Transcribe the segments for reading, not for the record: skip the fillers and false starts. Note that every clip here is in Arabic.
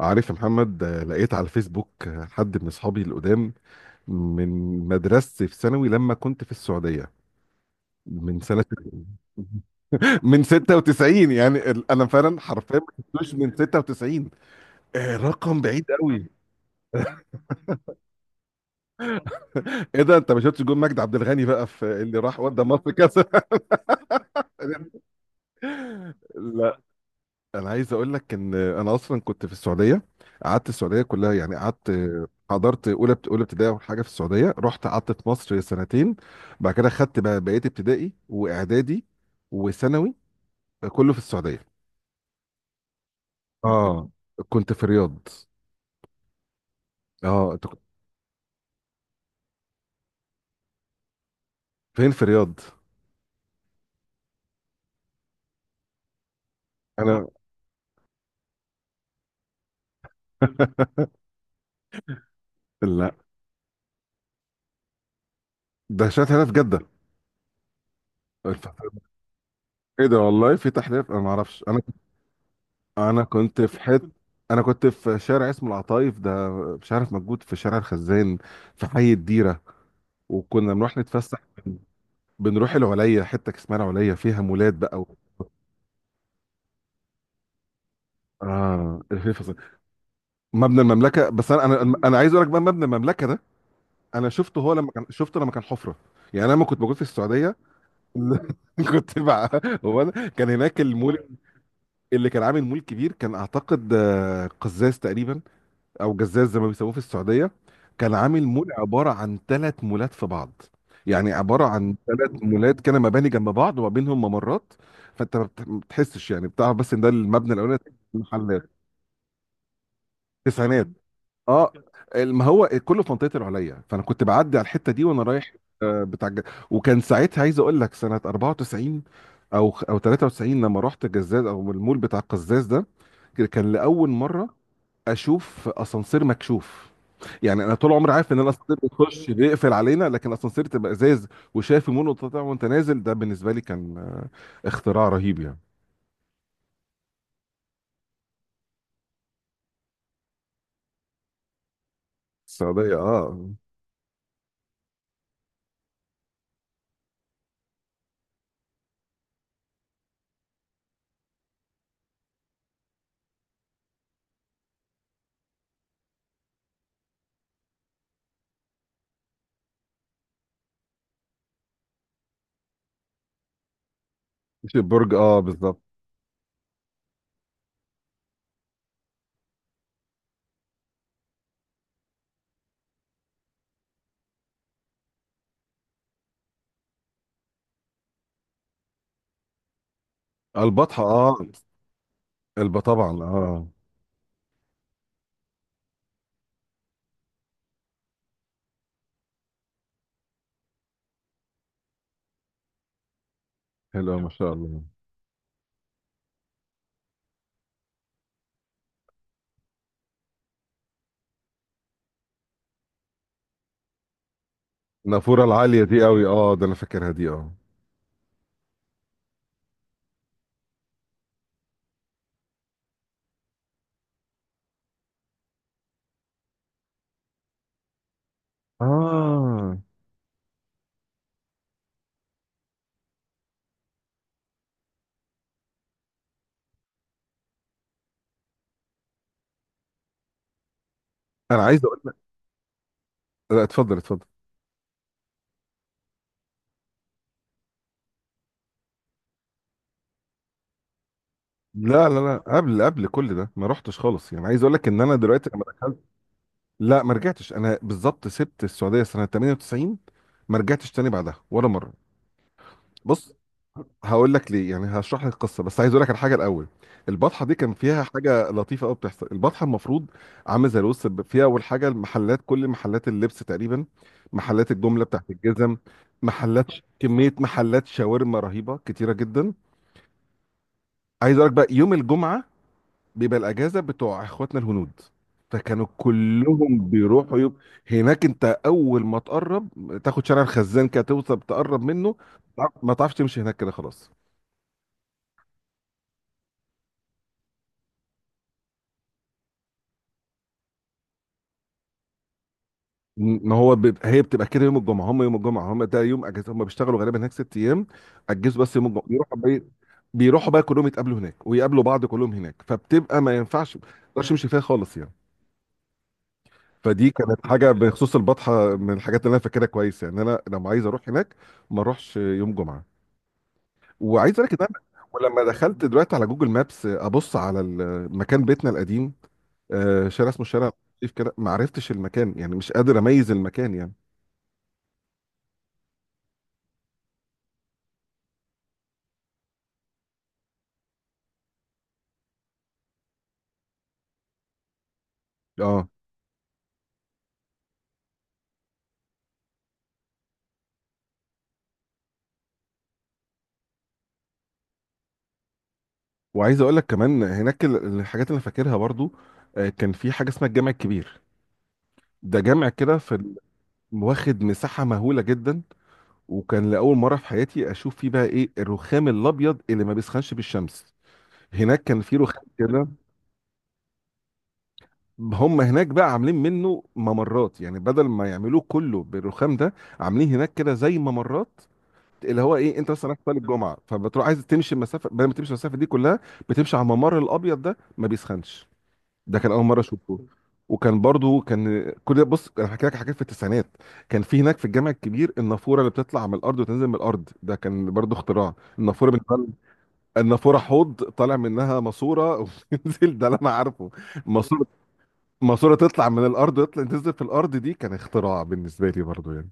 عارف يا محمد، لقيت على الفيسبوك، حد من اصحابي القدام من مدرستي في ثانوي لما كنت في السعوديه من سنه من 96. يعني انا فعلا حرفيا ما شفتوش من 96. رقم بعيد قوي. ايه ده، انت ما شفتش جون مجدي عبد الغني بقى في اللي راح ودى مصر كذا؟ لا، انا عايز اقول لك ان انا اصلا كنت في السعوديه، قعدت السعوديه كلها. يعني قعدت، حضرت اولى اولى ابتدائي اول حاجه في السعوديه، رحت قعدت في مصر سنتين. بعد كده خدت بقى بقيه ابتدائي واعدادي وثانوي كله في السعوديه. اه، كنت في الرياض. اه، انت كنت فين في الرياض؟ انا لا، ده شات هنا في جده. الف- ايه ده، والله في تحليل انا ما اعرفش. انا انا كنت في حته، انا كنت في شارع اسمه العطايف ده، مش عارف موجود، في شارع الخزان في حي الديره. وكنا بنروح نتفسح، بنروح العليا، حته اسمها العليا فيها مولات بقى اه، الحفظ، مبنى المملكه. بس انا عايز اقول لك بقى مبنى المملكه ده، انا شفته هو لما كان، شفته لما كان حفره. يعني انا لما كنت موجود في السعوديه كنت بقى. كان هناك المول اللي كان عامل مول كبير، كان اعتقد قزاز تقريبا، او جزاز زي ما بيسموه في السعوديه. كان عامل مول عباره عن ثلاث مولات في بعض. يعني عباره عن ثلاث مولات كده، مباني جنب بعض، وما بينهم ممرات. فانت ما بتحسش، يعني بتعرف بس ان ده المبنى الاولاني، محلات. تسعينات، اه. ما هو كله في منطقه العليا، فانا كنت بعدي على الحته دي وانا رايح، آه، بتاع الج- وكان ساعتها عايز اقول لك سنه 94 او 93، لما رحت جزاز او المول بتاع القزاز ده. كان لاول مره اشوف اسانسير مكشوف. يعني انا طول عمري عارف ان الاسانسير بيخش بيقفل علينا، لكن اسانسير تبقى ازاز، وشايف المول وتطلع وانت نازل، ده بالنسبه لي كان اختراع رهيب يعني. السعوديه، اه. مش البرج، اه، بالظبط. البطحه، اه. الب، طبعا، اه. حلوه ما شاء الله. النافوره العاليه دي قوي، اه، ده انا فاكرها دي، اه، اه. انا عايز اقول لك، لا اتفضل اتفضل. لا، قبل، قبل كل ده ما رحتش خالص. يعني عايز اقول لك ان انا دلوقتي، لا ما رجعتش، انا بالظبط سبت السعوديه سنه 98، ما رجعتش تاني بعدها ولا مره. بص، هقول لك ليه، يعني هشرح لك القصه، بس عايز اقول لك على حاجه الاول. البطحه دي كان فيها حاجه لطيفه قوي بتحصل. البطحه المفروض عامله زي الوسط، فيها اول حاجه المحلات، كل محلات اللبس تقريبا، محلات الجمله بتاعت الجزم، محلات، كميه محلات شاورما رهيبه كتيره جدا. عايز اقول لك بقى يوم الجمعه بيبقى الاجازه بتوع اخواتنا الهنود، فكانوا كلهم بيروحوا هناك. انت اول ما تقرب، تاخد شارع الخزان كده توصل تقرب منه، ما تعرفش تمشي هناك كده خلاص. ما هو بيب... هي بتبقى كده يوم الجمعه. هم يوم الجمعه ده يوم اجازه، هم بيشتغلوا غالبا هناك ست ايام، اجازوا بس يوم الجمعه، بيروحوا بقى، بيروحوا بقى كلهم يتقابلوا هناك ويقابلوا بعض كلهم هناك. فبتبقى ما ينفعش، ما تقدرش تمشي فيها خالص يعني. فدي كانت حاجه بخصوص البطحه من الحاجات اللي انا فاكرها كويس. يعني انا لما عايز اروح هناك ما اروحش يوم جمعه. وعايز اقول لك ان انا، ولما دخلت دلوقتي على جوجل مابس ابص على مكان بيتنا القديم، شارع اسمه شارع لطيف كده، ما عرفتش المكان، يعني مش قادر اميز المكان يعني، اه. وعايز اقول لك كمان هناك الحاجات اللي فاكرها برضو، كان في حاجه اسمها الجامع الكبير. ده جامع كده في واخد مساحه مهوله جدا. وكان لاول مره في حياتي اشوف فيه بقى ايه الرخام الابيض اللي ما بيسخنش بالشمس. هناك كان في رخام كده، هم هناك بقى عاملين منه ممرات. يعني بدل ما يعملوه كله بالرخام ده، عاملين هناك كده زي ممرات، اللي هو ايه، انت مثلا رايح صلاه الجمعه فبتروح عايز تمشي المسافه، بدل ما تمشي المسافه دي كلها، بتمشي على الممر الابيض ده ما بيسخنش. ده كان اول مره اشوفه. وكان برضو كل ده، بص انا حكيت لك حاجات في التسعينات. كان في هناك في الجامع الكبير النافوره اللي بتطلع من الارض وتنزل من الارض. ده كان برضو اختراع، النافوره بالنسبه لنا. النافوره حوض طالع منها ماسوره وبتنزل، ده اللي انا عارفه، ماسوره. ماسورة تطلع من الأرض، تطلع تنزل في الأرض، دي كان اختراع بالنسبة لي برضو يعني.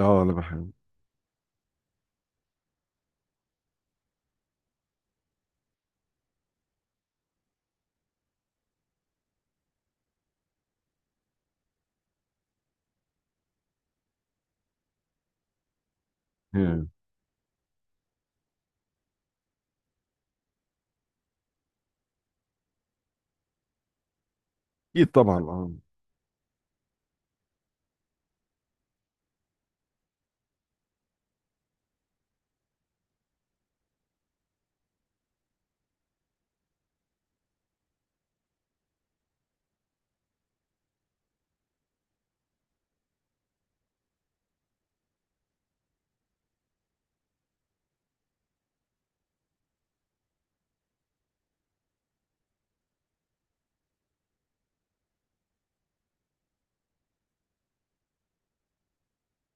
اه، أنا بحب. yeah. أكيد طبعا اه.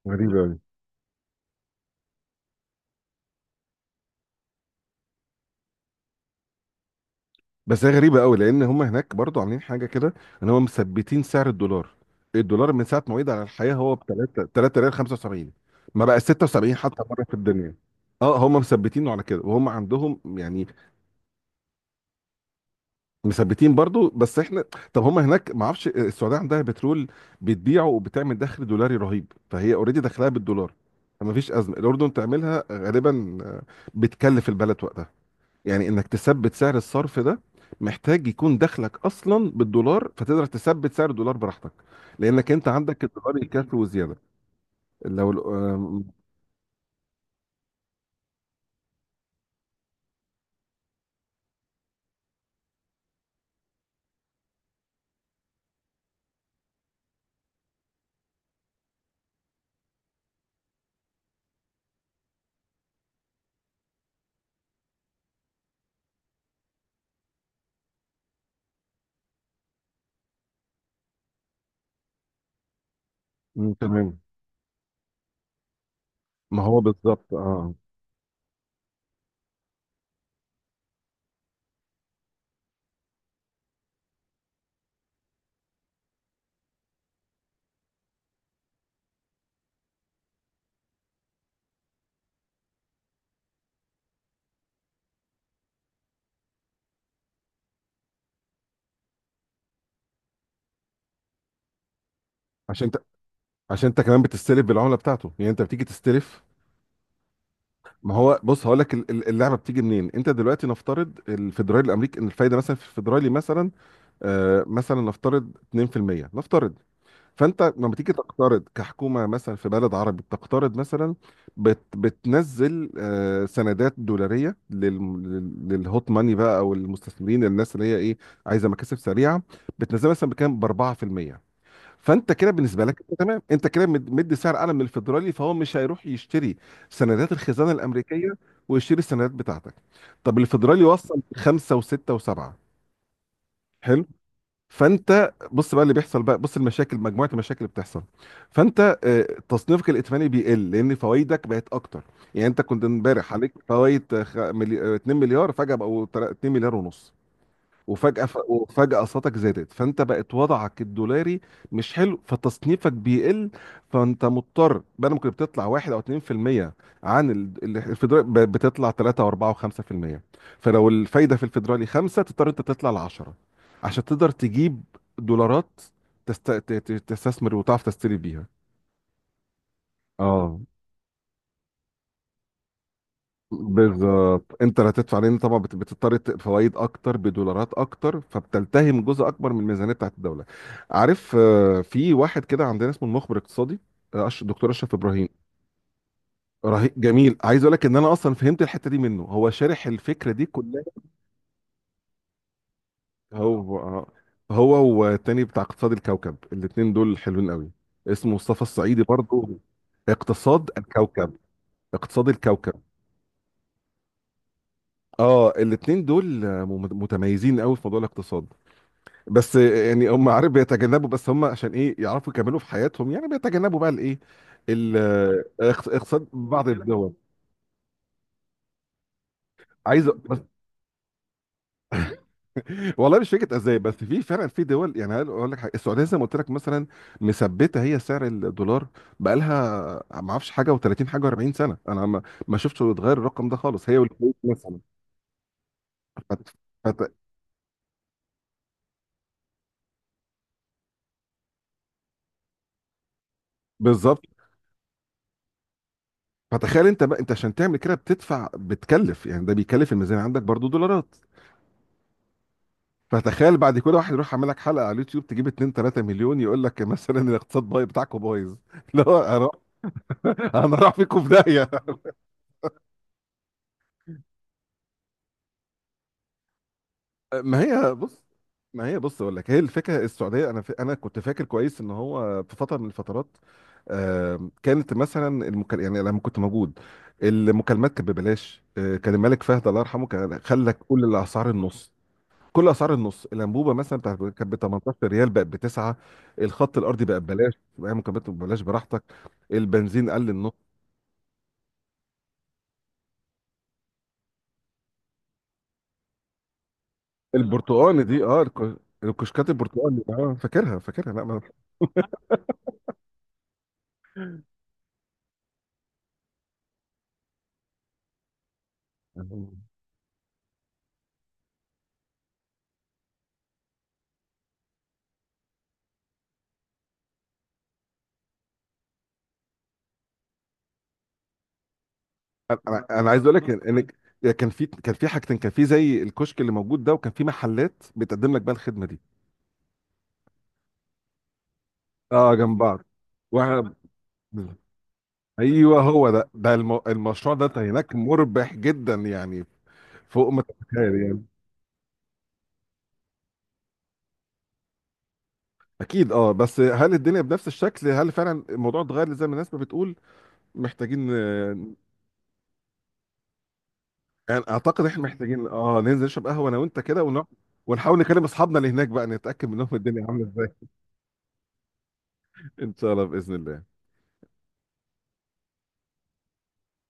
غريبة أوي. بس هي غريبة أوي لأن هم هناك برضو عاملين حاجة كده، إن هم مثبتين سعر الدولار. الدولار من ساعة ما وعد على الحياة هو ب 3 ريال 75، ما بقى 76 حتى مرة في الدنيا. اه، هم مثبتينه على كده، وهم عندهم يعني، مثبتين برضو. بس احنا، طب هم هناك، ما اعرفش، السعوديه عندها بترول بتبيعه، وبتعمل دخل دولاري رهيب، فهي اوريدي دخلها بالدولار، فما فيش ازمه. الاردن تعملها غالبا بتكلف البلد وقتها. يعني انك تثبت سعر الصرف ده، محتاج يكون دخلك اصلا بالدولار، فتقدر تثبت سعر الدولار براحتك، لانك انت عندك الدولار يكفي وزياده. لو ال- آه، م- تمام. ما هو بالظبط، اه. عشان ت... عشان انت كمان بتستلف بالعمله بتاعته، يعني انت بتيجي تستلف. ما هو بص، هقول لك اللعبه بتيجي منين. انت دلوقتي نفترض الفيدرالي الامريكي ان الفايده مثلا في الفيدرالي مثلا، مثلا نفترض 2%، نفترض. فانت لما تيجي تقترض كحكومه مثلا في بلد عربي، بتقترض مثلا، بتنزل سندات دولاريه للهوت ماني بقى او المستثمرين، الناس اللي هي ايه، عايزه مكاسب سريعه. بتنزلها مثلا بكام، ب 4%. فانت كده بالنسبه لك انت تمام، انت كده مدي سعر اعلى من الفيدرالي، فهو مش هيروح يشتري سندات الخزانه الامريكيه، ويشتري السندات بتاعتك. طب الفيدرالي وصل خمسه وسته وسبعه. حلو. فانت بص بقى اللي بيحصل، بقى بص المشاكل، مجموعه المشاكل اللي بتحصل. فانت، تصنيفك الائتماني بيقل، لان فوائدك بقت اكتر. يعني انت كنت امبارح عليك فوائد 2 مليار، فجاه بقوا 2 مليار ونص. وفجأة أسعارك زادت، فأنت بقت وضعك الدولاري مش حلو، فتصنيفك بيقل. فأنت مضطر بدل ما كنت بتطلع 1 أو 2% عن الفيدرالي، بتطلع 3 و4 و5%. فلو الفايدة في الفيدرالي 5، تضطر أنت تطلع ل 10 عشان تقدر تجيب دولارات، تستثمر وتعرف تشتري بيها. اه، بالظبط انت اللي هتدفع، لان طبعا بتضطر فوائد اكتر بدولارات اكتر، فبتلتهم جزء اكبر من الميزانيه بتاعت الدوله. عارف، في واحد كده عندنا اسمه المخبر الاقتصادي، دكتور اشرف ابراهيم. رهيب جميل، عايز اقول لك ان انا اصلا فهمت الحته دي منه، هو شارح الفكره دي كلها. هو آه، هو والتاني بتاع اقتصاد الكوكب، الاتنين دول حلوين قوي. اسمه مصطفى الصعيدي برضو. اقتصاد الكوكب. اقتصاد الكوكب. اه الاتنين دول، متميزين قوي في موضوع الاقتصاد. بس يعني هم، عارف، بيتجنبوا. بس هم عشان ايه يعرفوا يكملوا في حياتهم، يعني بيتجنبوا بقى الايه، ال- اقتصاد بعض الدول. عايز أ- بس- والله مش فكره ازاي. بس في فعلا في دول. يعني هقول أقول لك حاجه، السعوديه زي ما قلت لك مثلا، مثبته هي سعر الدولار بقى لها، ما اعرفش، حاجه و30 حاجه و40 سنه، انا ما، ما شفتش يتغير الرقم ده خالص. هي والكويت مثلا. فت... فت... بالظبط. فتخيل انت بقى، انت عشان تعمل كده بتدفع، بتكلف، يعني ده بيكلف الميزانيه عندك برضو دولارات. فتخيل بعد، كل واحد يروح عامل لك حلقه على اليوتيوب تجيب 2 3 مليون، يقول لك مثلا الاقتصاد بايظ بتاعكم بايظ. اللي هو أنا، انا راح فيكم في داهيه. ما هي بص ما هي بص اقول لك هي الفكره. السعوديه، انا كنت فاكر كويس ان هو في فتره من الفترات، كانت مثلا يعني لما كنت موجود، المكالمات كانت ببلاش. كان الملك فهد الله يرحمه، كان خلى كل الاسعار النص. كل اسعار النص، الانبوبه مثلا بتاعت كانت ب 18 ريال، بقت بتسعه. الخط الارضي بقى ببلاش، بقى مكملات ببلاش براحتك. البنزين قل النص. البرتقان دي، اه، الكشكات البرتقان، اه، فاكرها فاكرها، لا ما، انا انا أنا عايز اقول لك ان، إن كان في، كان في حاجتين، كان في زي الكشك اللي موجود ده، وكان في محلات بتقدم لك بقى الخدمه دي. اه، جنب بعض واحنا، ايوه هو ده، ده المشروع ده هناك مربح جدا يعني، فوق ما تتخيل يعني. اكيد اه. بس هل الدنيا بنفس الشكل؟ هل فعلا الموضوع اتغير زي ما الناس ما بتقول؟ محتاجين، يعني اعتقد احنا محتاجين اه، ننزل نشرب قهوه انا وانت كده ونقعد، ونحاول نكلم اصحابنا اللي هناك بقى نتاكد منهم الدنيا عامله ازاي. ان شاء الله باذن الله.